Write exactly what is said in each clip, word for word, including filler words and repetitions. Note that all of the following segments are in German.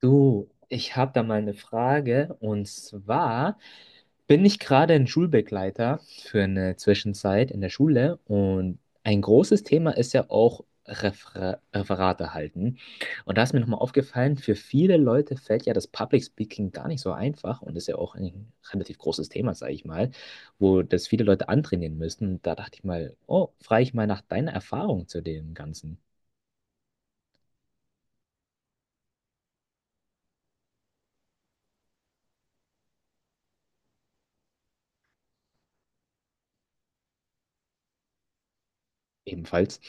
Du, ich habe da mal eine Frage. Und zwar bin ich gerade ein Schulbegleiter für eine Zwischenzeit in der Schule. Und ein großes Thema ist ja auch Refer Referate halten. Und da ist mir nochmal aufgefallen, für viele Leute fällt ja das Public Speaking gar nicht so einfach. Und ist ja auch ein relativ großes Thema, sage ich mal, wo das viele Leute antrainieren müssen. Und da dachte ich mal, oh, frage ich mal nach deiner Erfahrung zu dem Ganzen ebenfalls.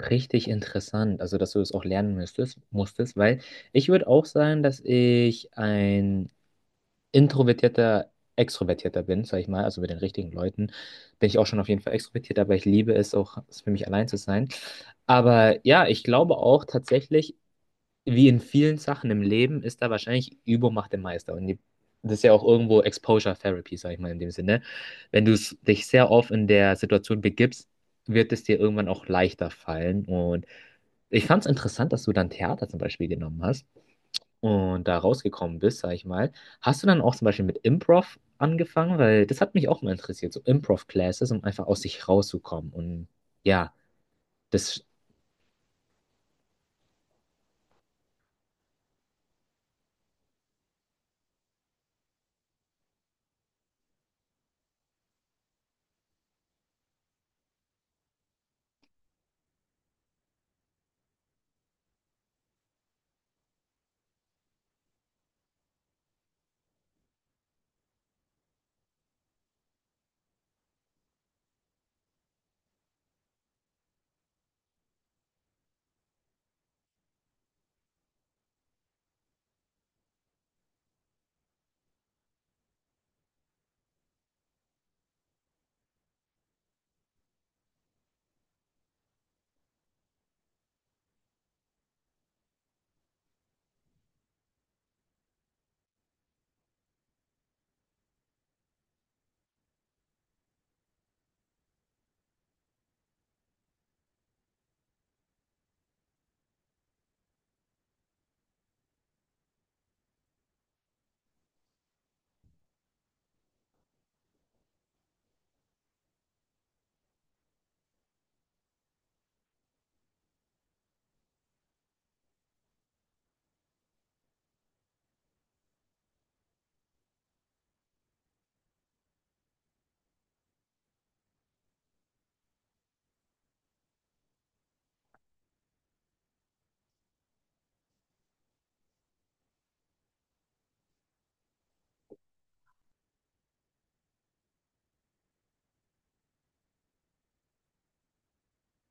Richtig interessant, also dass du das auch lernen müsstest, musstest, weil ich würde auch sagen, dass ich ein introvertierter Extrovertierter bin, sag ich mal, also mit den richtigen Leuten bin ich auch schon auf jeden Fall extrovertiert, aber ich liebe es auch, es für mich allein zu sein. Aber ja, ich glaube auch tatsächlich, wie in vielen Sachen im Leben ist da wahrscheinlich Übung macht den Meister. Und die, das ist ja auch irgendwo Exposure Therapy, sag ich mal in dem Sinne. Wenn du s- dich sehr oft in der Situation begibst, wird es dir irgendwann auch leichter fallen. Und ich fand es interessant, dass du dann Theater zum Beispiel genommen hast und da rausgekommen bist, sag ich mal. Hast du dann auch zum Beispiel mit Improv angefangen? Weil das hat mich auch mal interessiert, so Improv-Classes, um einfach aus sich rauszukommen. Und ja, das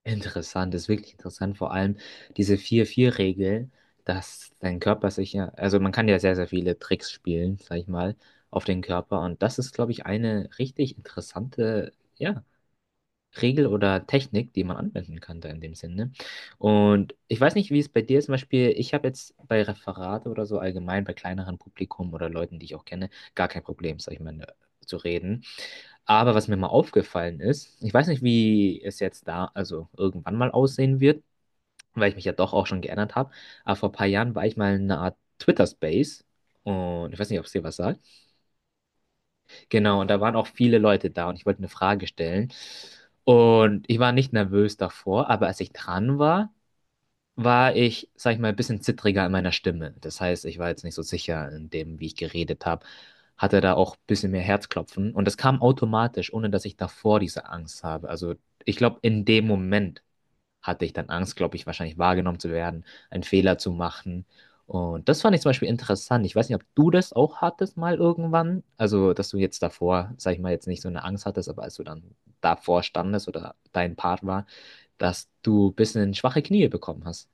Interessant, das ist wirklich interessant, vor allem diese vier vier Regel, dass dein Körper sich ja, also man kann ja sehr, sehr viele Tricks spielen, sag ich mal, auf den Körper und das ist, glaube ich, eine richtig interessante, ja, Regel oder Technik, die man anwenden kann da in dem Sinne. Und ich weiß nicht, wie es bei dir ist. Zum Beispiel, ich habe jetzt bei Referate oder so allgemein, bei kleineren Publikum oder Leuten, die ich auch kenne, gar kein Problem, sag ich mal, ne, zu reden. Aber was mir mal aufgefallen ist, ich weiß nicht, wie es jetzt da, also irgendwann mal aussehen wird, weil ich mich ja doch auch schon geändert habe. Aber vor ein paar Jahren war ich mal in einer Art Twitter-Space. Und ich weiß nicht, ob es dir was sagt. Genau, und da waren auch viele Leute da und ich wollte eine Frage stellen. Und ich war nicht nervös davor, aber als ich dran war, war ich, sag ich mal, ein bisschen zittriger in meiner Stimme. Das heißt, ich war jetzt nicht so sicher in dem, wie ich geredet habe, hatte da auch ein bisschen mehr Herzklopfen. Und das kam automatisch, ohne dass ich davor diese Angst habe. Also ich glaube, in dem Moment hatte ich dann Angst, glaube ich, wahrscheinlich wahrgenommen zu werden, einen Fehler zu machen. Und das fand ich zum Beispiel interessant. Ich weiß nicht, ob du das auch hattest mal irgendwann. Also, dass du jetzt davor, sag ich mal, jetzt nicht so eine Angst hattest, aber als du dann davor standest oder dein Part war, dass du ein bisschen schwache Knie bekommen hast.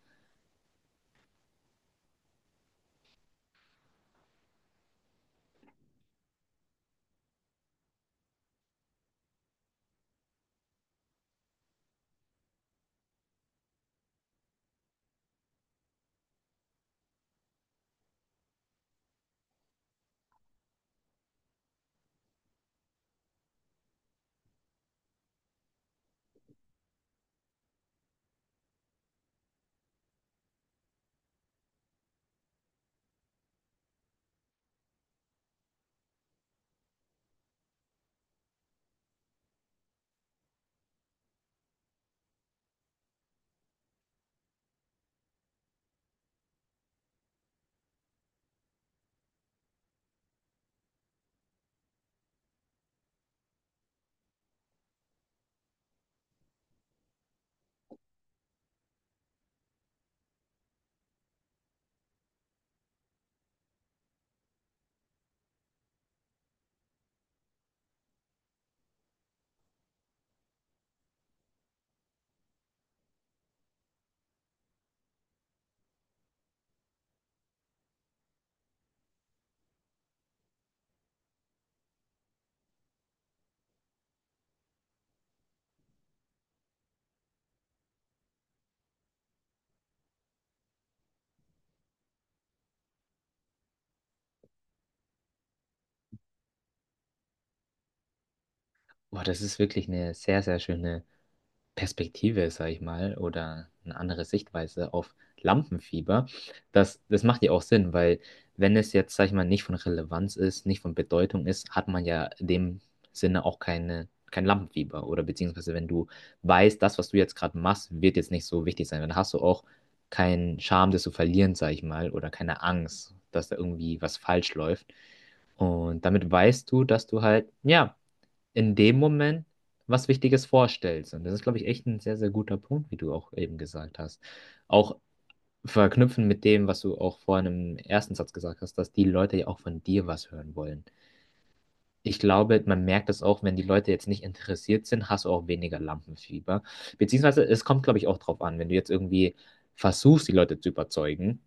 Boah, das ist wirklich eine sehr, sehr schöne Perspektive, sage ich mal, oder eine andere Sichtweise auf Lampenfieber. Das, das macht ja auch Sinn, weil wenn es jetzt, sage ich mal, nicht von Relevanz ist, nicht von Bedeutung ist, hat man ja in dem Sinne auch keine, kein Lampenfieber. Oder beziehungsweise wenn du weißt, das, was du jetzt gerade machst, wird jetzt nicht so wichtig sein, dann hast du auch keinen Charme, das zu verlieren, sage ich mal, oder keine Angst, dass da irgendwie was falsch läuft. Und damit weißt du, dass du halt, ja, in dem Moment was Wichtiges vorstellst. Und das ist, glaube ich, echt ein sehr, sehr guter Punkt, wie du auch eben gesagt hast. Auch verknüpfen mit dem, was du auch vorhin im ersten Satz gesagt hast, dass die Leute ja auch von dir was hören wollen. Ich glaube, man merkt das auch, wenn die Leute jetzt nicht interessiert sind, hast du auch weniger Lampenfieber. Beziehungsweise es kommt, glaube ich, auch drauf an, wenn du jetzt irgendwie versuchst, die Leute zu überzeugen,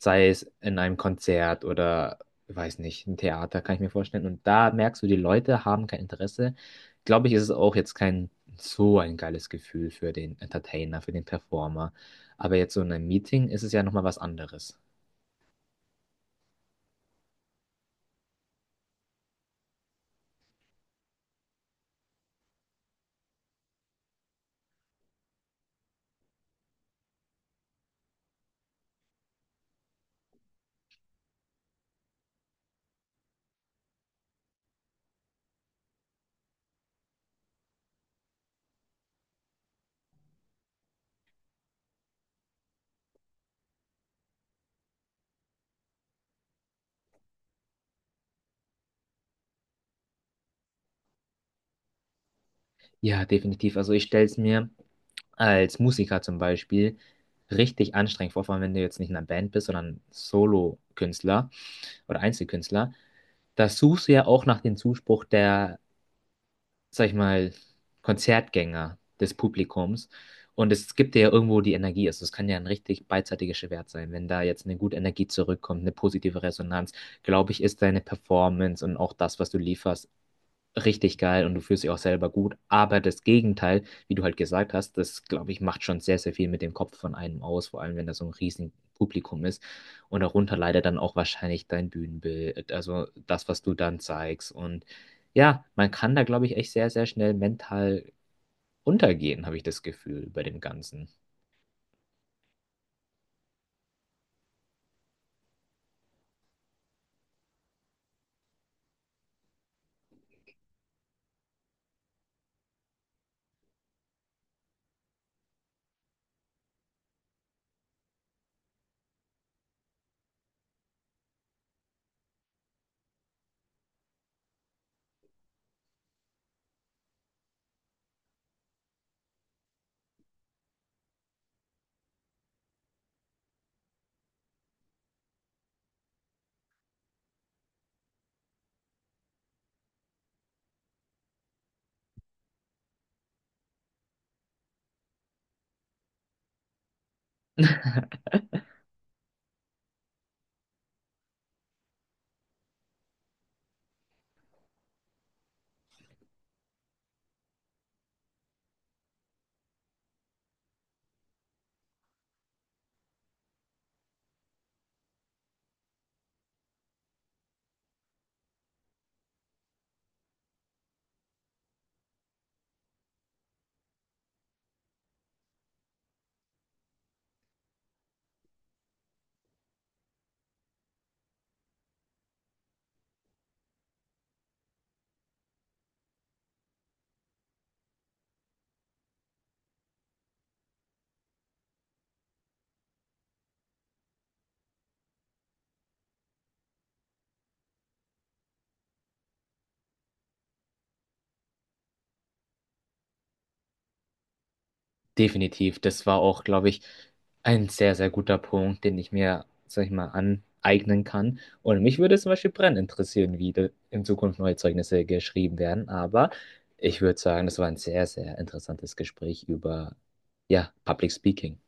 sei es in einem Konzert oder, weiß nicht, ein Theater, kann ich mir vorstellen. Und da merkst du, die Leute haben kein Interesse. Glaube ich, ist es auch jetzt kein so ein geiles Gefühl für den Entertainer, für den Performer. Aber jetzt so in einem Meeting ist es ja nochmal was anderes. Ja, definitiv. Also ich stelle es mir als Musiker zum Beispiel richtig anstrengend vor, vor allem wenn du jetzt nicht in einer Band bist, sondern Solo-Künstler oder Einzelkünstler. Da suchst du ja auch nach dem Zuspruch der, sag ich mal, Konzertgänger, des Publikums. Und es gibt dir ja irgendwo die Energie. Also es kann ja ein richtig beidseitiges Schwert sein. Wenn da jetzt eine gute Energie zurückkommt, eine positive Resonanz, glaube ich, ist deine Performance und auch das, was du lieferst, richtig geil und du fühlst dich auch selber gut. Aber das Gegenteil, wie du halt gesagt hast, das, glaube ich, macht schon sehr, sehr viel mit dem Kopf von einem aus, vor allem wenn da so ein riesen Publikum ist. Und darunter leider dann auch wahrscheinlich dein Bühnenbild, also das, was du dann zeigst. Und ja, man kann da, glaube ich, echt sehr, sehr schnell mental untergehen, habe ich das Gefühl bei dem Ganzen. Definitiv. Das war auch, glaube ich, ein sehr, sehr guter Punkt, den ich mir, sag ich mal, aneignen kann. Und mich würde zum Beispiel brennend interessieren, wie de- in Zukunft neue Zeugnisse geschrieben werden. Aber ich würde sagen, das war ein sehr, sehr interessantes Gespräch über, ja, Public Speaking.